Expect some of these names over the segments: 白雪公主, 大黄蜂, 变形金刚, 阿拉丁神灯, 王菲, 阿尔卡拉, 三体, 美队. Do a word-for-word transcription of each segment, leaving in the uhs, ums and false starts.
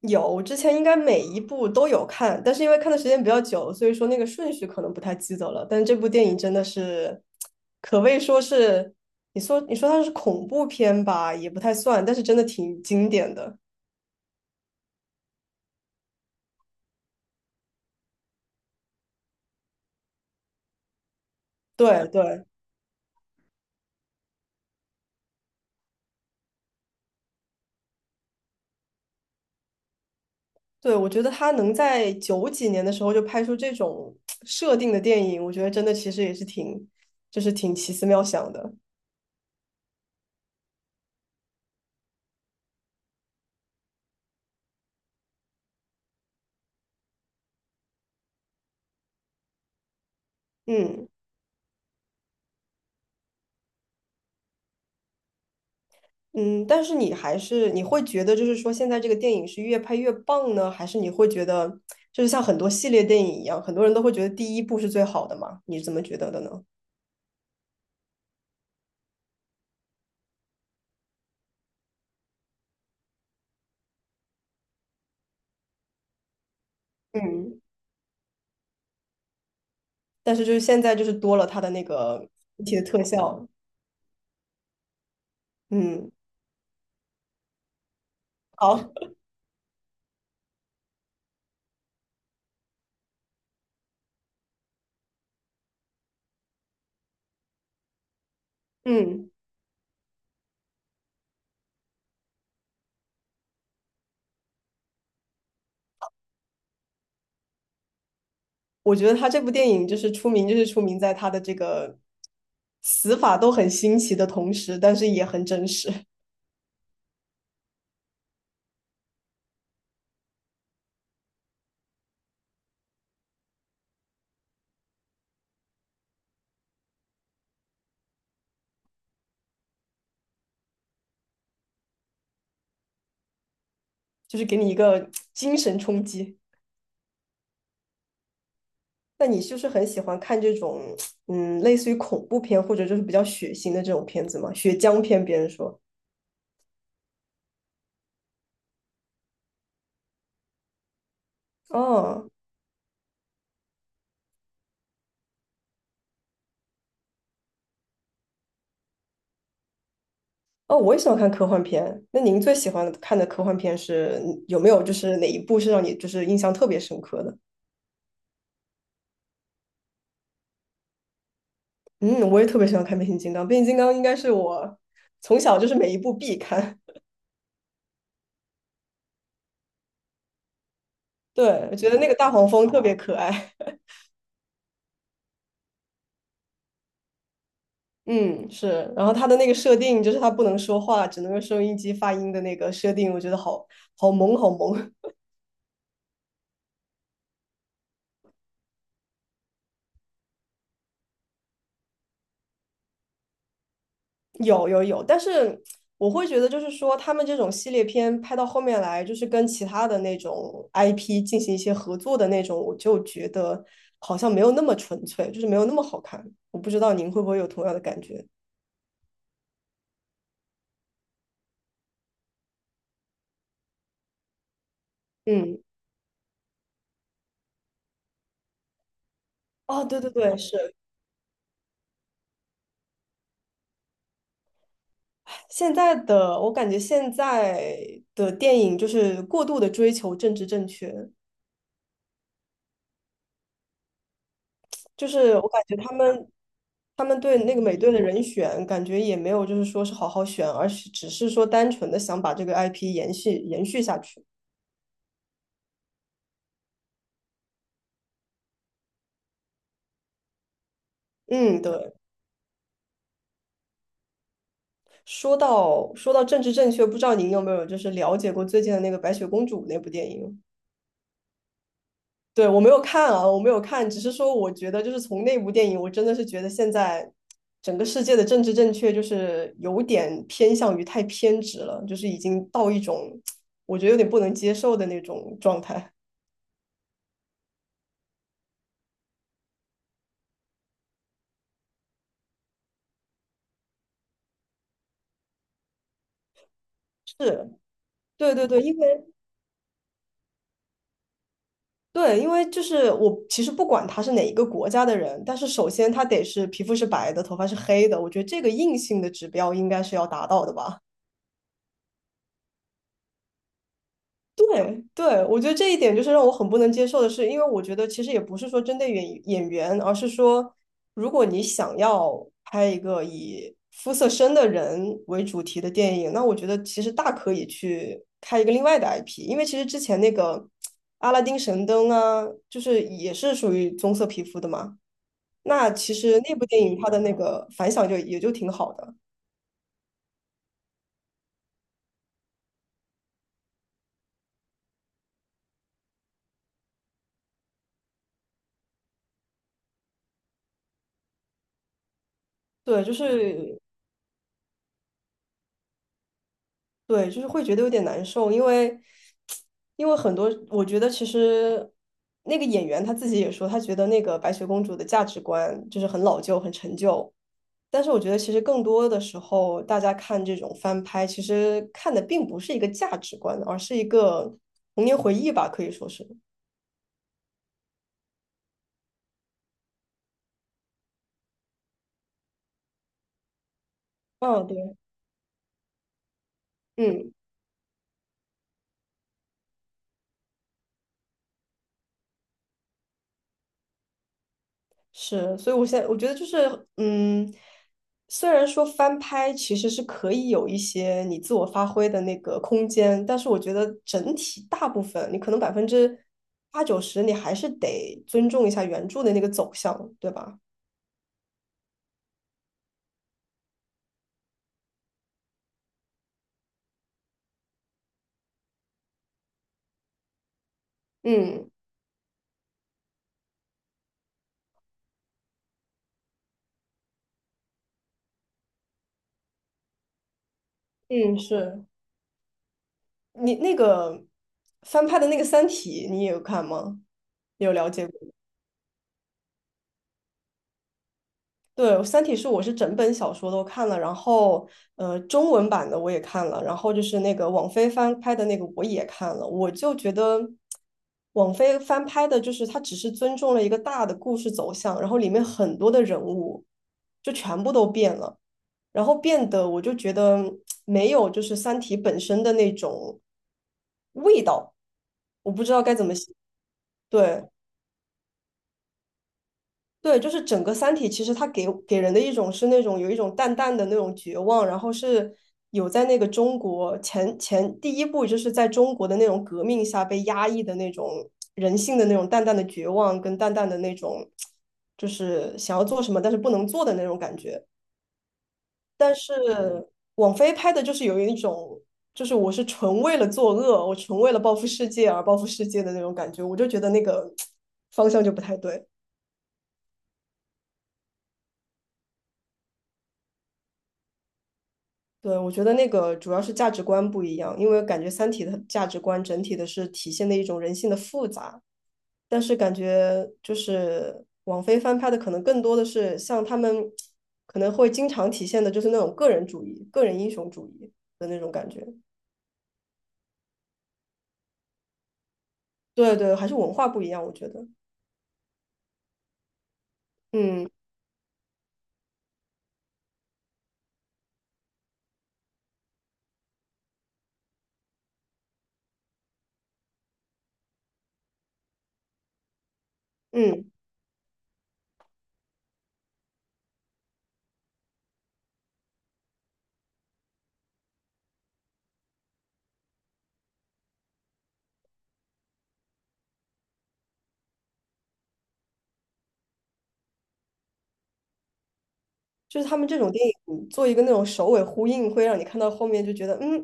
有，我之前应该每一部都有看，但是因为看的时间比较久，所以说那个顺序可能不太记得了。但这部电影真的是，可谓说是，你说你说它是恐怖片吧，也不太算，但是真的挺经典的。对对对，我觉得他能在九几年的时候就拍出这种设定的电影，我觉得真的其实也是挺，就是挺奇思妙想的。嗯。嗯，但是你还是你会觉得，就是说现在这个电影是越拍越棒呢，还是你会觉得，就是像很多系列电影一样，很多人都会觉得第一部是最好的嘛？你是怎么觉得的呢？嗯，但是就是现在就是多了它的那个一体的特效，嗯，好，嗯，我觉得他这部电影就是出名，就是出名在他的这个死法都很新奇的同时，但是也很真实，就是给你一个精神冲击。那你是不是很喜欢看这种，嗯，类似于恐怖片或者就是比较血腥的这种片子吗？血浆片，别人说。哦哦，我也喜欢看科幻片。那您最喜欢看的科幻片是有没有就是哪一部是让你就是印象特别深刻的？嗯，我也特别喜欢看变形金刚，变形金刚应该是我从小就是每一部必看。对，我觉得那个大黄蜂特别可爱。嗯，是。然后它的那个设定就是它不能说话，只能用收音机发音的那个设定，我觉得好好萌，好萌。有有有，但是我会觉得，就是说他们这种系列片拍到后面来，就是跟其他的那种 I P 进行一些合作的那种，我就觉得好像没有那么纯粹，就是没有那么好看。我不知道您会不会有同样的感觉？嗯，哦，对对对，是现在的，我感觉现在的电影就是过度的追求政治正确，就是我感觉他们他们对那个美队的人选，感觉也没有就是说是好好选，而是只是说单纯的想把这个 I P 延续延续下去。嗯，对。说到说到政治正确，不知道您有没有就是了解过最近的那个《白雪公主》那部电影？对，我没有看啊，我没有看，只是说我觉得就是从那部电影，我真的是觉得现在整个世界的政治正确就是有点偏向于太偏执了，就是已经到一种我觉得有点不能接受的那种状态。是，对对对，因为对，因为就是我其实不管他是哪一个国家的人，但是首先他得是皮肤是白的，头发是黑的，我觉得这个硬性的指标应该是要达到的吧。对对，我觉得这一点就是让我很不能接受的是，因为我觉得其实也不是说针对演演员，而是说，如果你想要拍一个以肤色深的人为主题的电影，那我觉得其实大可以去开一个另外的 I P，因为其实之前那个阿拉丁神灯啊，就是也是属于棕色皮肤的嘛，那其实那部电影它的那个反响就也就挺好的。对，就是对，就是会觉得有点难受，因为因为很多，我觉得其实那个演员他自己也说，他觉得那个白雪公主的价值观就是很老旧、很陈旧。但是我觉得其实更多的时候，大家看这种翻拍，其实看的并不是一个价值观，而是一个童年回忆吧，可以说是。嗯，对，嗯。是，所以我现在我觉得就是，嗯，虽然说翻拍其实是可以有一些你自我发挥的那个空间，但是我觉得整体大部分你可能百分之八九十，你还是得尊重一下原著的那个走向，对吧？嗯嗯，是你那个翻拍的那个《三体》，你也有看吗？你有了解过？对，《三体》是我是整本小说都看了，然后呃，中文版的我也看了，然后就是那个网飞翻拍的那个我也看了，我就觉得网飞翻拍的，就是它只是尊重了一个大的故事走向，然后里面很多的人物就全部都变了，然后变得我就觉得没有就是《三体》本身的那种味道，我不知道该怎么形对，对，就是整个《三体》，其实它给给人的一种是那种有一种淡淡的那种绝望，然后是有在那个中国前前第一部就是在中国的那种革命下被压抑的那种人性的那种淡淡的绝望，跟淡淡的那种就是想要做什么但是不能做的那种感觉。但是王菲拍的就是有一种就是我是纯为了作恶，我纯为了报复世界而报复世界的那种感觉，我就觉得那个方向就不太对。对，我觉得那个主要是价值观不一样，因为感觉《三体》的价值观整体的是体现的一种人性的复杂，但是感觉就是网飞翻拍的可能更多的是像他们可能会经常体现的就是那种个人主义、个人英雄主义的那种感觉。对对，还是文化不一样，我觉得。嗯嗯，就是他们这种电影做一个那种首尾呼应，会让你看到后面就觉得嗯，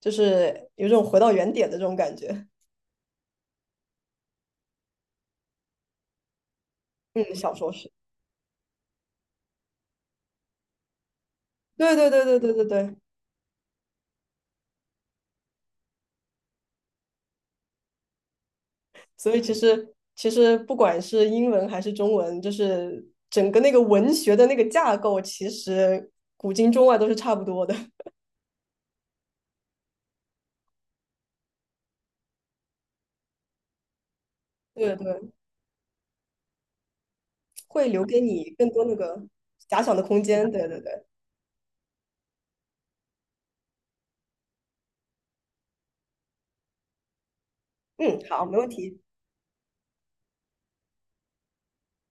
就是有种回到原点的这种感觉。嗯，小说是。对对对对对对对。所以其实其实不管是英文还是中文，就是整个那个文学的那个架构，其实古今中外都是差不多的。对对，会留给你更多那个遐想的空间。对对对，嗯，好，没问题。